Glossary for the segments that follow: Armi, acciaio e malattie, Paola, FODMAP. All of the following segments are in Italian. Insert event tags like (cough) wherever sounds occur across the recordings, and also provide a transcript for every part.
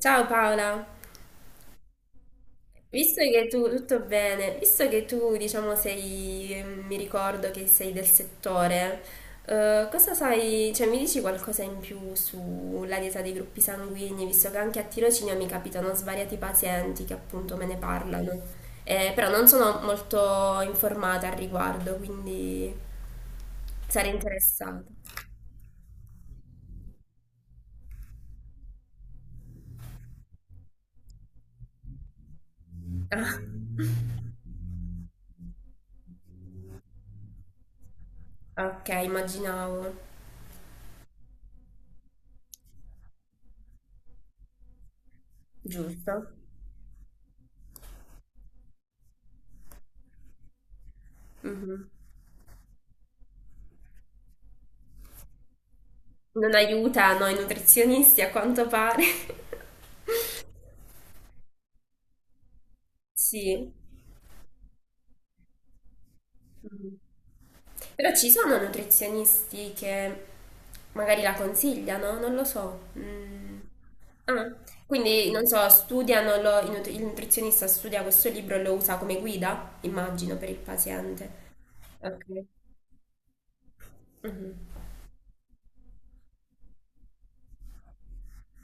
Ciao Paola, visto che tu tutto bene, visto che tu, diciamo, sei, mi ricordo che sei del settore. Cosa sai, cioè mi dici qualcosa in più sulla dieta dei gruppi sanguigni, visto che anche a tirocinio mi capitano svariati pazienti che appunto me ne parlano? Però non sono molto informata al riguardo, quindi sarei interessata. (laughs) Ah, ok, immaginavo, giusto? Mhm. Non aiutano i nutrizionisti a quanto pare. (laughs) Sì. Mm. Però ci sono nutrizionisti che magari la consigliano, non lo so. Mm. Ah, quindi non so, studiano il nutrizionista studia questo libro e lo usa come guida, immagino, per il paziente. Ok. Mhm.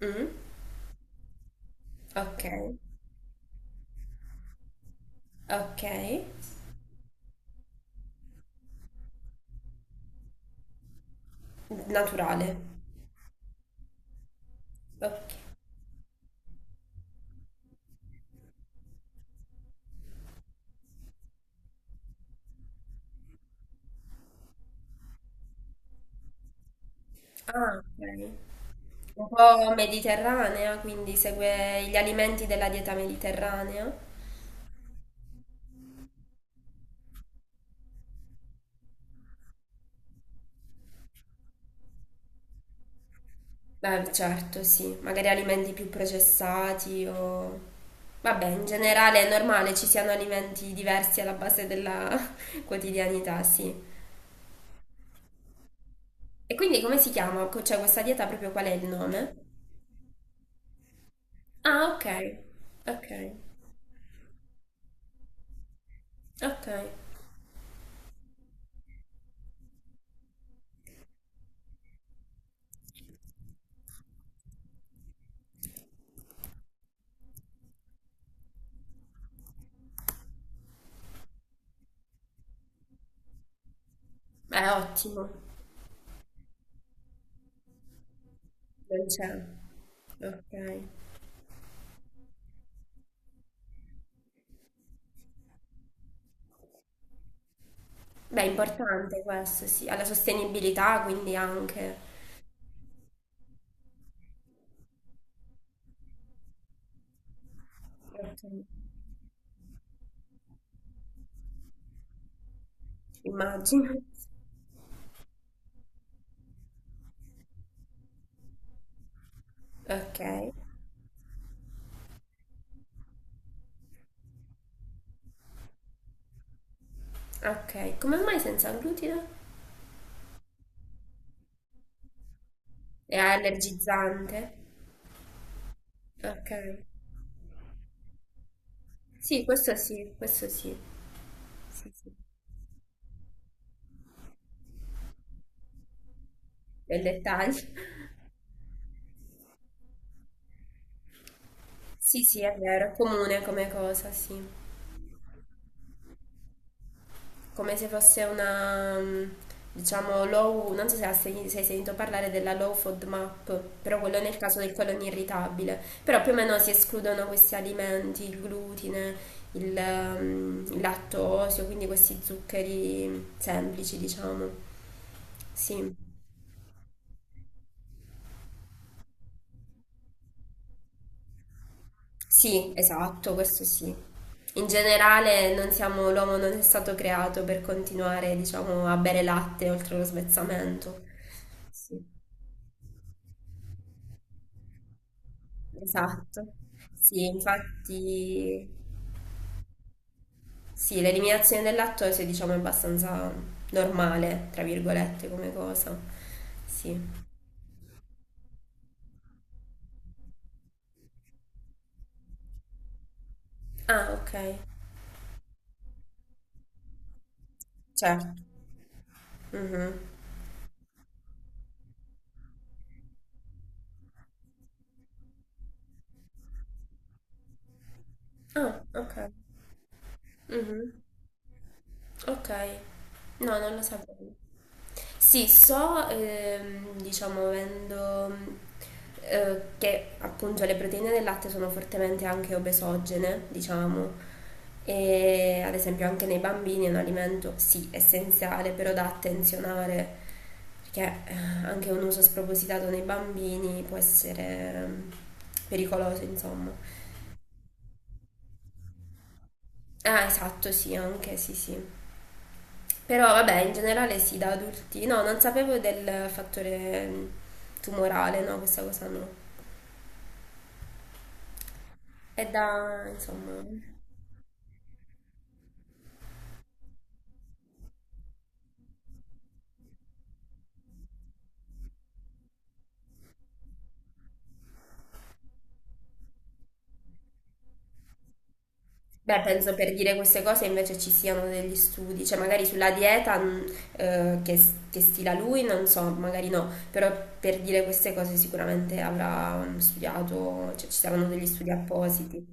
Mm. Ok. Ok. Naturale. Ok. Ah, ok, un po' mediterranea, quindi segue gli alimenti della dieta mediterranea. Beh, certo, sì, magari alimenti più processati Vabbè, in generale è normale ci siano alimenti diversi alla base della (laughs) quotidianità, sì. E quindi come si chiama? Cioè, questa dieta proprio qual è il nome? Ah, ok, ok, ok. Beh, ottimo, non c'è. Ok. Beh, è importante questo, sì, alla sostenibilità quindi anche. Ok. Immagino. (laughs) Ok, ok. Come mai senza glutine? È allergizzante? Ok. Sì, questo sì, questo sì. Sì, sì. Del dettaglio. (laughs) Sì, sì, è vero, è comune come cosa, sì. Come se fosse una, diciamo, low, non so se se hai sentito parlare della low FODMAP, però quello nel caso del colon irritabile, però più o meno si escludono questi alimenti: il glutine, il lattosio, quindi questi zuccheri semplici, diciamo. Sì, sì, esatto, questo sì. In generale non siamo, l'uomo non è stato creato per continuare, diciamo, a bere latte oltre lo svezzamento. Sì. Esatto. Sì, infatti, sì, l'eliminazione dell'attore, sì, diciamo, è abbastanza normale, tra virgolette, come cosa. Sì. Ah, ok. Certo. Mhm. Ah, ok. Mhm. Ok. No, non lo sapevo. Sì, so, diciamo, avendo che appunto le proteine del latte sono fortemente anche obesogene, diciamo, e ad esempio anche nei bambini è un alimento sì essenziale, però da attenzionare, perché anche un uso spropositato nei bambini può essere ehm, pericoloso, insomma. Ah, esatto, sì, anche, sì, sì. Però vabbè, in generale sì, da adulti. No, non sapevo del fattore tumorale, no, questa cosa no. È da, insomma. Beh, penso per dire queste cose invece ci siano degli studi, cioè magari sulla dieta che, stila lui, non so, magari no, però per dire queste cose sicuramente avrà studiato, cioè ci saranno degli studi appositi.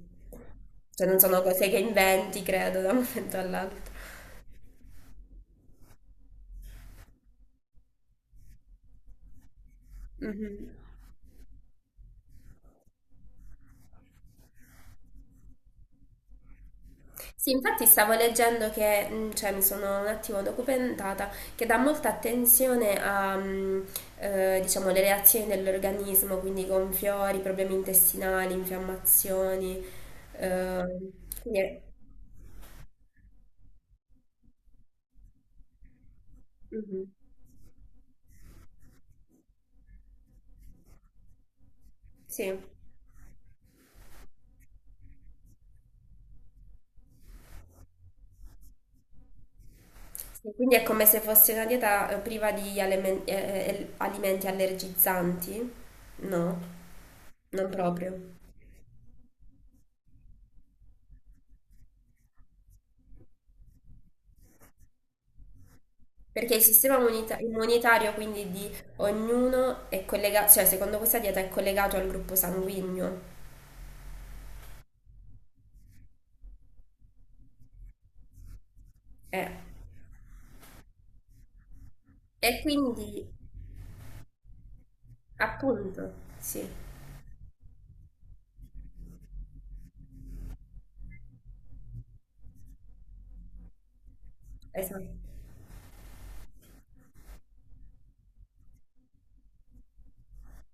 Cioè non sono cose che inventi, credo, da un momento all'altro. Mhm. Sì, infatti stavo leggendo che, cioè mi sono un attimo documentata, che dà molta attenzione a, diciamo, le reazioni dell'organismo, quindi gonfiori, problemi intestinali, infiammazioni. ehm, quindi è, mhm, sì. Sì, quindi è come se fosse una dieta priva di alimenti allergizzanti? No, non proprio. Perché il sistema immunitario, quindi di ognuno, è collegato, cioè secondo questa dieta è collegato al gruppo sanguigno. Eh. E quindi, appunto, sì, esatto.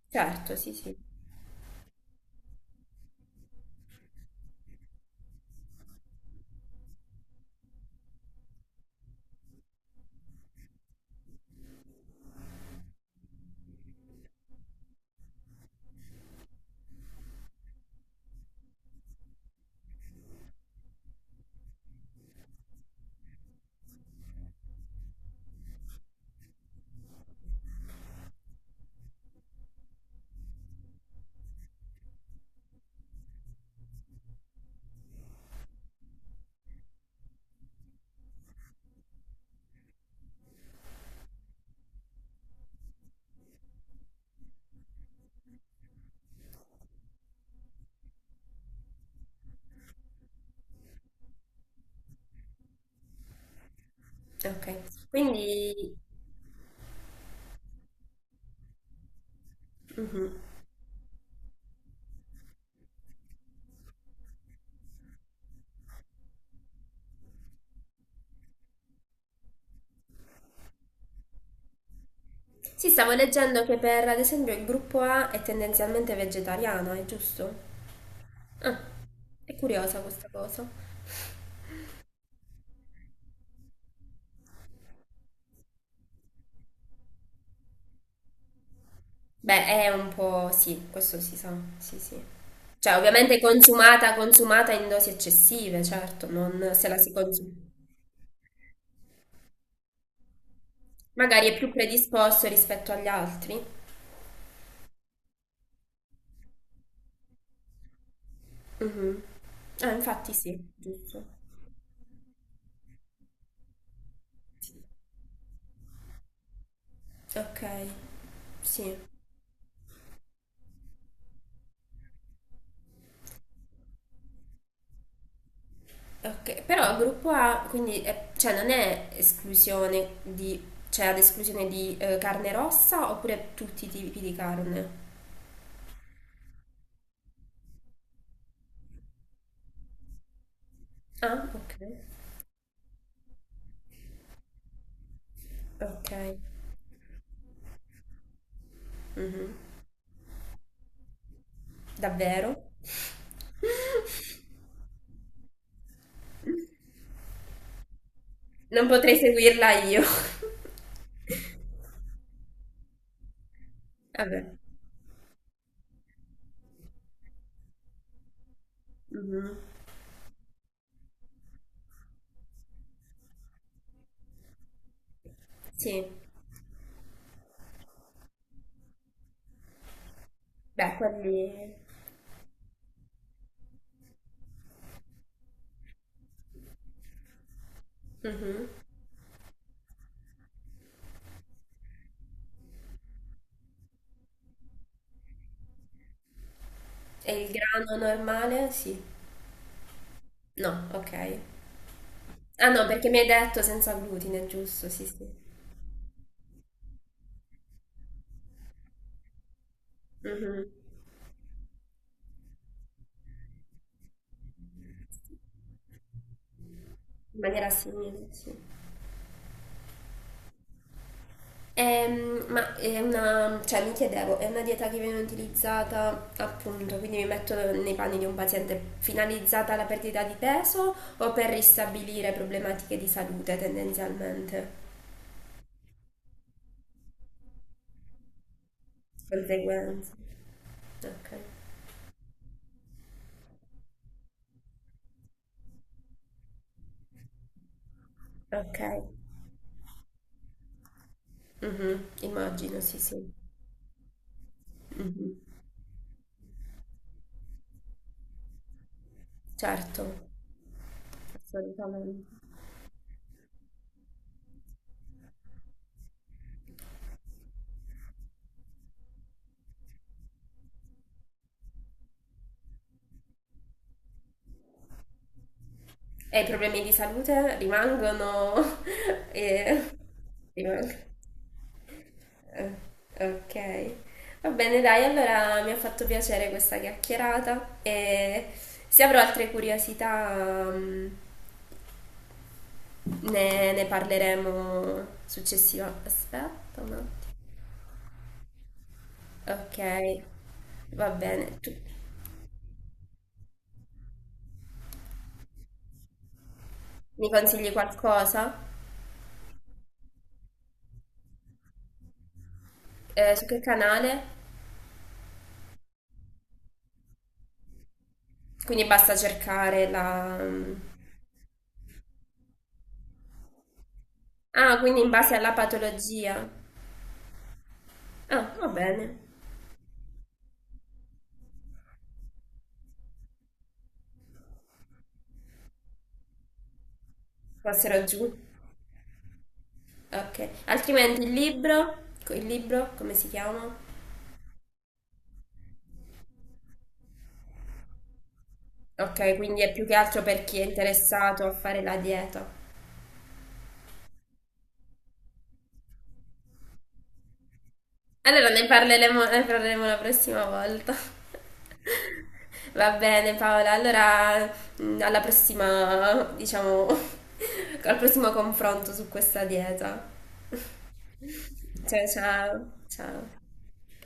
Certo, sì, sì. Ok. Quindi, mhm. Sì, stavo leggendo che per, ad esempio, il gruppo A è tendenzialmente vegetariano, è giusto? Ah, è curiosa questa cosa. Beh, è un po', sì, questo si sa, sì, sì. Cioè, ovviamente consumata, consumata in dosi eccessive, certo, non se la si consuma. Magari è più predisposto rispetto agli altri. Mhm. Ah, infatti sì, giusto. Ok, sì. Ok, però il gruppo A, quindi, cioè, non è esclusione di, cioè, ad esclusione di carne rossa oppure tutti i tipi di carne? Ah, ok. Ok. Mhm. Davvero? (laughs) Non potrei seguirla io. (laughs) Vabbè. Mhm. Sì, beh, quelli. Mhm. E il grano normale? Sì. No, ok. Ah no, perché mi hai detto senza glutine, giusto? Sì, sì. Mhm. In maniera simile, sì. Ma è una, cioè mi chiedevo, è una dieta che viene utilizzata appunto, quindi mi metto nei panni di un paziente, finalizzata alla perdita di peso o per ristabilire problematiche di salute tendenzialmente? Conseguenze. Ok. Ok. Mhm, immagino, sì, sì. Mhm, certo, assolutamente. E i problemi di salute rimangono? (laughs) e... Rimangono. Eh, Ok. Va bene, dai, allora mi ha fatto piacere questa chiacchierata e se avrò altre curiosità ne parleremo successivamente. Aspetta un attimo. Ok, va bene. Tu mi consigli qualcosa? Su che canale? Quindi basta cercare la, mm. Ah, quindi in base alla patologia. Ah, va bene. Passerò giù. Ok. Altrimenti il libro, come si chiama? Ok, quindi è più che altro per chi è interessato a fare la dieta. Allora ne parleremo la prossima volta. (laughs) Va bene, Paola, allora alla prossima, diciamo, (laughs) al prossimo confronto su questa dieta. Ciao ciao, ciao.